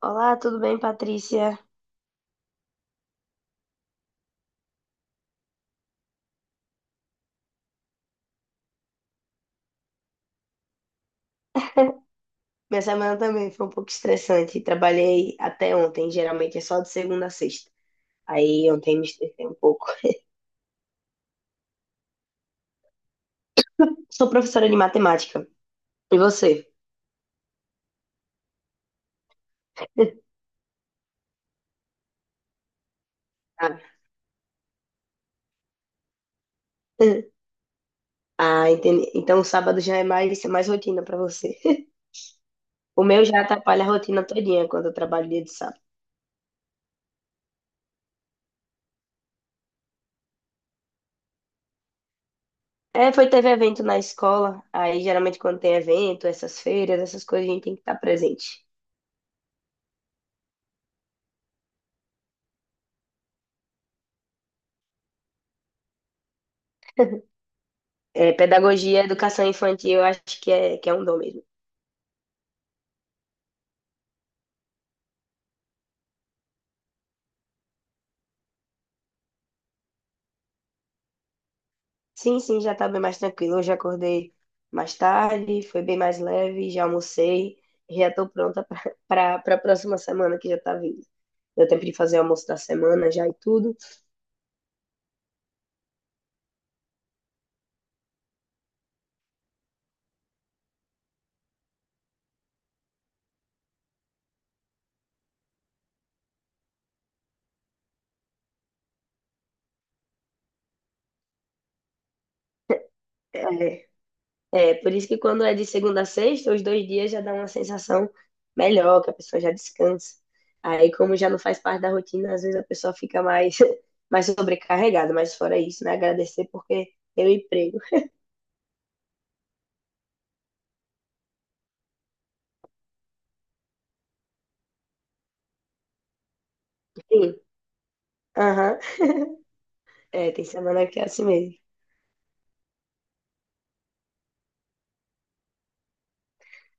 Olá, tudo bem, Patrícia? Minha semana também foi um pouco estressante. Trabalhei até ontem, geralmente é só de segunda a sexta. Aí ontem me estressei um pouco. Sou professora de matemática. E você? Ah, ah, entendi. Então sábado já é mais rotina pra você. O meu já atrapalha a rotina todinha quando eu trabalho dia de sábado. É, foi, teve evento na escola. Aí geralmente quando tem evento, essas feiras, essas coisas, a gente tem que estar presente. É, pedagogia, educação infantil, eu acho que é um dom mesmo. Sim, sim, já tá bem mais tranquilo. Hoje acordei mais tarde, foi bem mais leve, já almocei, já tô pronta para a próxima semana que já tá vindo. Deu tempo de fazer o almoço da semana já e tudo. É, é, por isso que quando é de segunda a sexta, os dois dias já dá uma sensação melhor, que a pessoa já descansa. Aí, como já não faz parte da rotina, às vezes a pessoa fica mais, mais sobrecarregada, mas fora isso, né? Agradecer porque tem o emprego. Sim, aham, é, tem semana que é assim mesmo.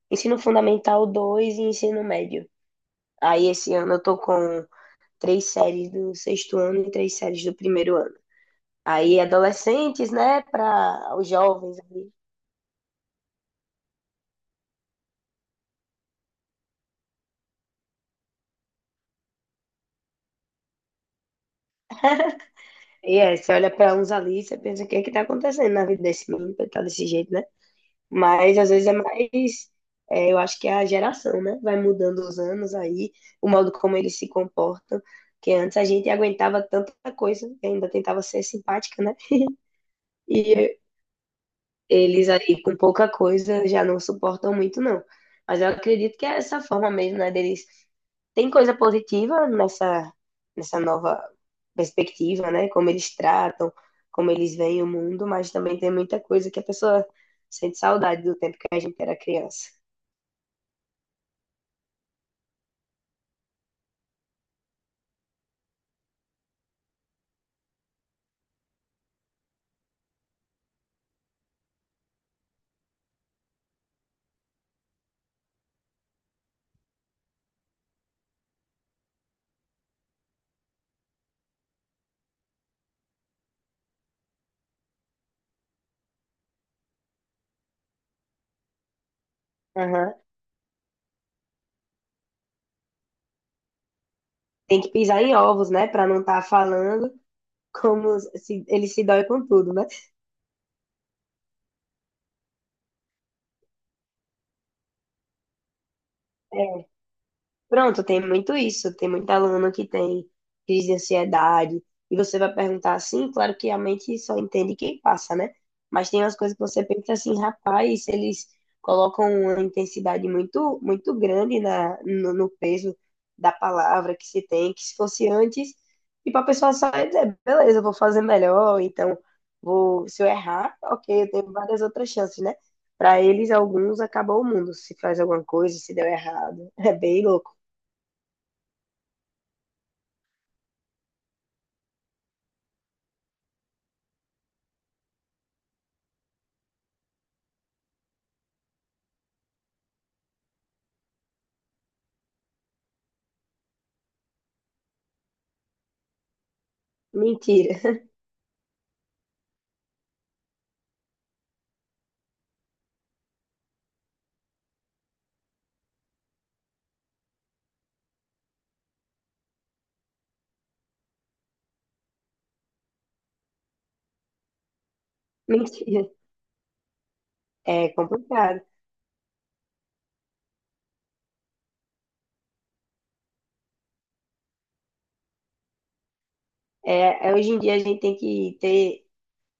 Ensino Fundamental 2 e Ensino Médio. Aí esse ano eu tô com três séries do sexto ano e três séries do primeiro ano. Aí adolescentes, né, para os jovens ali. E é, você olha para uns ali e você pensa o que é que tá acontecendo na vida desse menino pra ele tá desse jeito, né? Mas às vezes é, eu acho que é a geração, né? Vai mudando os anos aí, o modo como eles se comportam. Que antes a gente aguentava tanta coisa, ainda tentava ser simpática, né? E eles aí com pouca coisa já não suportam muito, não. Mas eu acredito que é essa forma mesmo, né, deles. Tem coisa positiva nessa nova perspectiva, né? Como eles tratam, como eles veem o mundo, mas também tem muita coisa que a pessoa sente saudade do tempo que a gente era criança. Aham. Tem que pisar em ovos, né? Pra não estar falando como se, ele se dói com tudo, né? É, pronto, tem muito isso. Tem muita aluna que tem crise de ansiedade. E você vai perguntar assim, claro que a mente só entende quem passa, né? Mas tem umas coisas que você pensa assim, rapaz, eles colocam uma intensidade muito, muito grande na, no, no peso da palavra que se tem, que se fosse antes, tipo, a pessoa só ia dizer, beleza, eu vou fazer melhor, então vou, se eu errar, ok, eu tenho várias outras chances, né? Para eles, alguns, acabou o mundo se faz alguma coisa, se deu errado. É bem louco. Mentira, mentira. É complicado. É, hoje em dia a gente tem que ter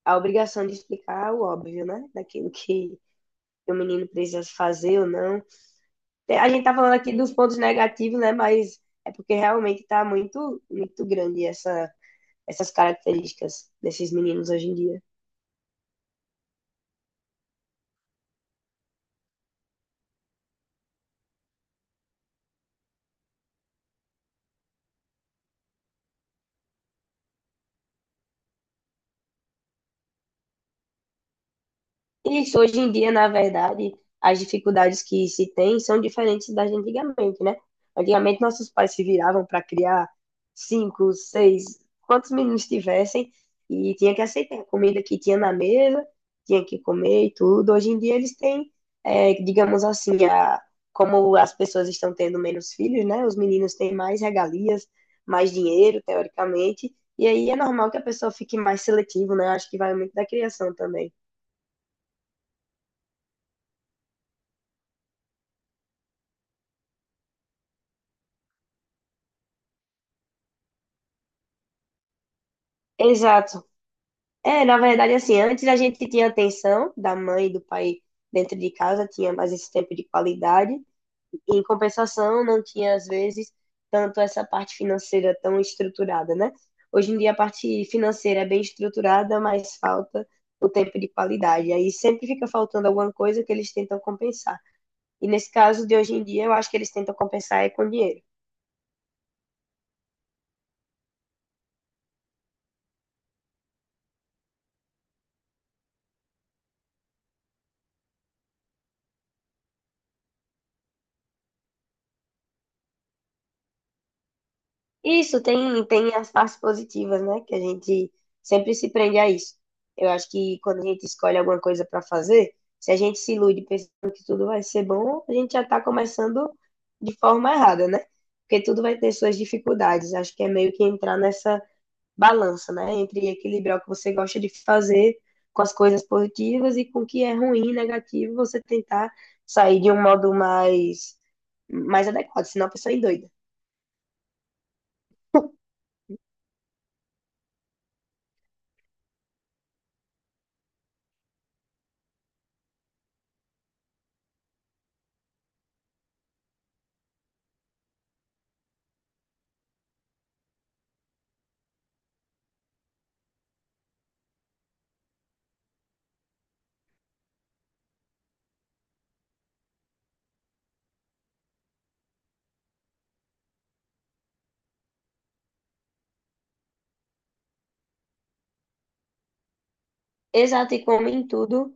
a obrigação de explicar o óbvio, né? Daquilo que o menino precisa fazer ou não. É, a gente tá falando aqui dos pontos negativos, né? Mas é porque realmente tá muito, muito grande essas características desses meninos hoje em dia. Isso, hoje em dia, na verdade, as dificuldades que se tem são diferentes das de antigamente, né? Antigamente, nossos pais se viravam para criar cinco, seis, quantos meninos tivessem, e tinha que aceitar a comida que tinha na mesa, tinha que comer e tudo. Hoje em dia, eles têm, é, digamos assim, a, como as pessoas estão tendo menos filhos, né? Os meninos têm mais regalias, mais dinheiro, teoricamente, e aí é normal que a pessoa fique mais seletiva, né? Acho que vai muito da criação também. Exato. É, na verdade, assim, antes a gente tinha a tensão da mãe e do pai dentro de casa, tinha mais esse tempo de qualidade, em compensação, não tinha, às vezes, tanto essa parte financeira tão estruturada, né? Hoje em dia, a parte financeira é bem estruturada, mas falta o tempo de qualidade. Aí sempre fica faltando alguma coisa que eles tentam compensar. E nesse caso de hoje em dia, eu acho que eles tentam compensar é com dinheiro. Isso tem as partes positivas, né? Que a gente sempre se prende a isso. Eu acho que quando a gente escolhe alguma coisa para fazer, se a gente se ilude pensando que tudo vai ser bom, a gente já está começando de forma errada, né? Porque tudo vai ter suas dificuldades. Acho que é meio que entrar nessa balança, né? Entre equilibrar o que você gosta de fazer com as coisas positivas e com o que é ruim, negativo, você tentar sair de um modo mais adequado, senão a pessoa é doida. Exato, e como em tudo.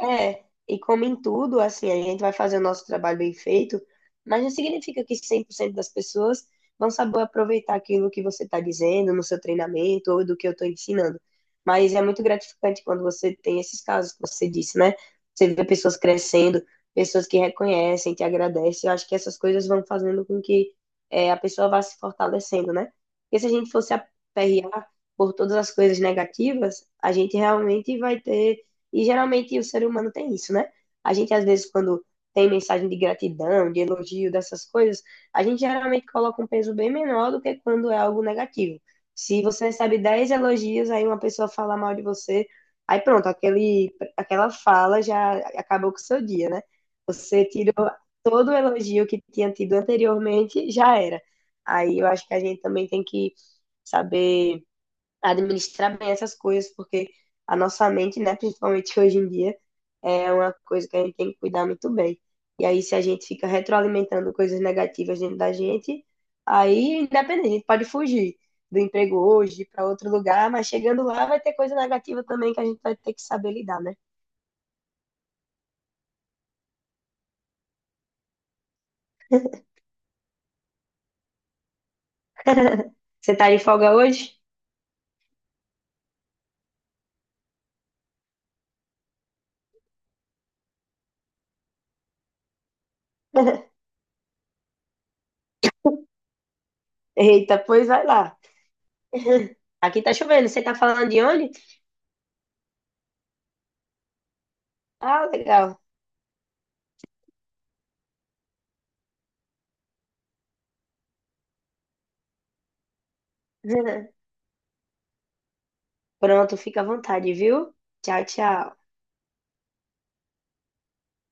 É, e como em tudo, assim, a gente vai fazer o nosso trabalho bem feito, mas não significa que 100% das pessoas vão saber aproveitar aquilo que você está dizendo no seu treinamento ou do que eu estou ensinando. Mas é muito gratificante quando você tem esses casos que você disse, né? Você vê pessoas crescendo, pessoas que reconhecem, que agradecem. Eu acho que essas coisas vão fazendo com que é, a pessoa vá se fortalecendo, né? Porque se a gente fosse aperrear por todas as coisas negativas, a gente realmente vai ter e geralmente o ser humano tem isso, né? A gente, às vezes, quando tem mensagem de gratidão, de elogio, dessas coisas, a gente geralmente coloca um peso bem menor do que quando é algo negativo. Se você recebe 10 elogios, aí uma pessoa fala mal de você, aí pronto, aquela fala já acabou com o seu dia, né? Você tirou todo o elogio que tinha tido anteriormente, já era. Aí eu acho que a gente também tem que saber administrar bem essas coisas, porque a nossa mente, né, principalmente hoje em dia, é uma coisa que a gente tem que cuidar muito bem. E aí, se a gente fica retroalimentando coisas negativas dentro da gente, aí, independente, a gente pode fugir do emprego hoje para outro lugar, mas chegando lá vai ter coisa negativa também que a gente vai ter que saber lidar, né? Você tá em folga hoje? Eita, pois vai lá. Aqui tá chovendo, você tá falando de onde? Ah, legal. Pronto, fica à vontade, viu? Tchau, tchau.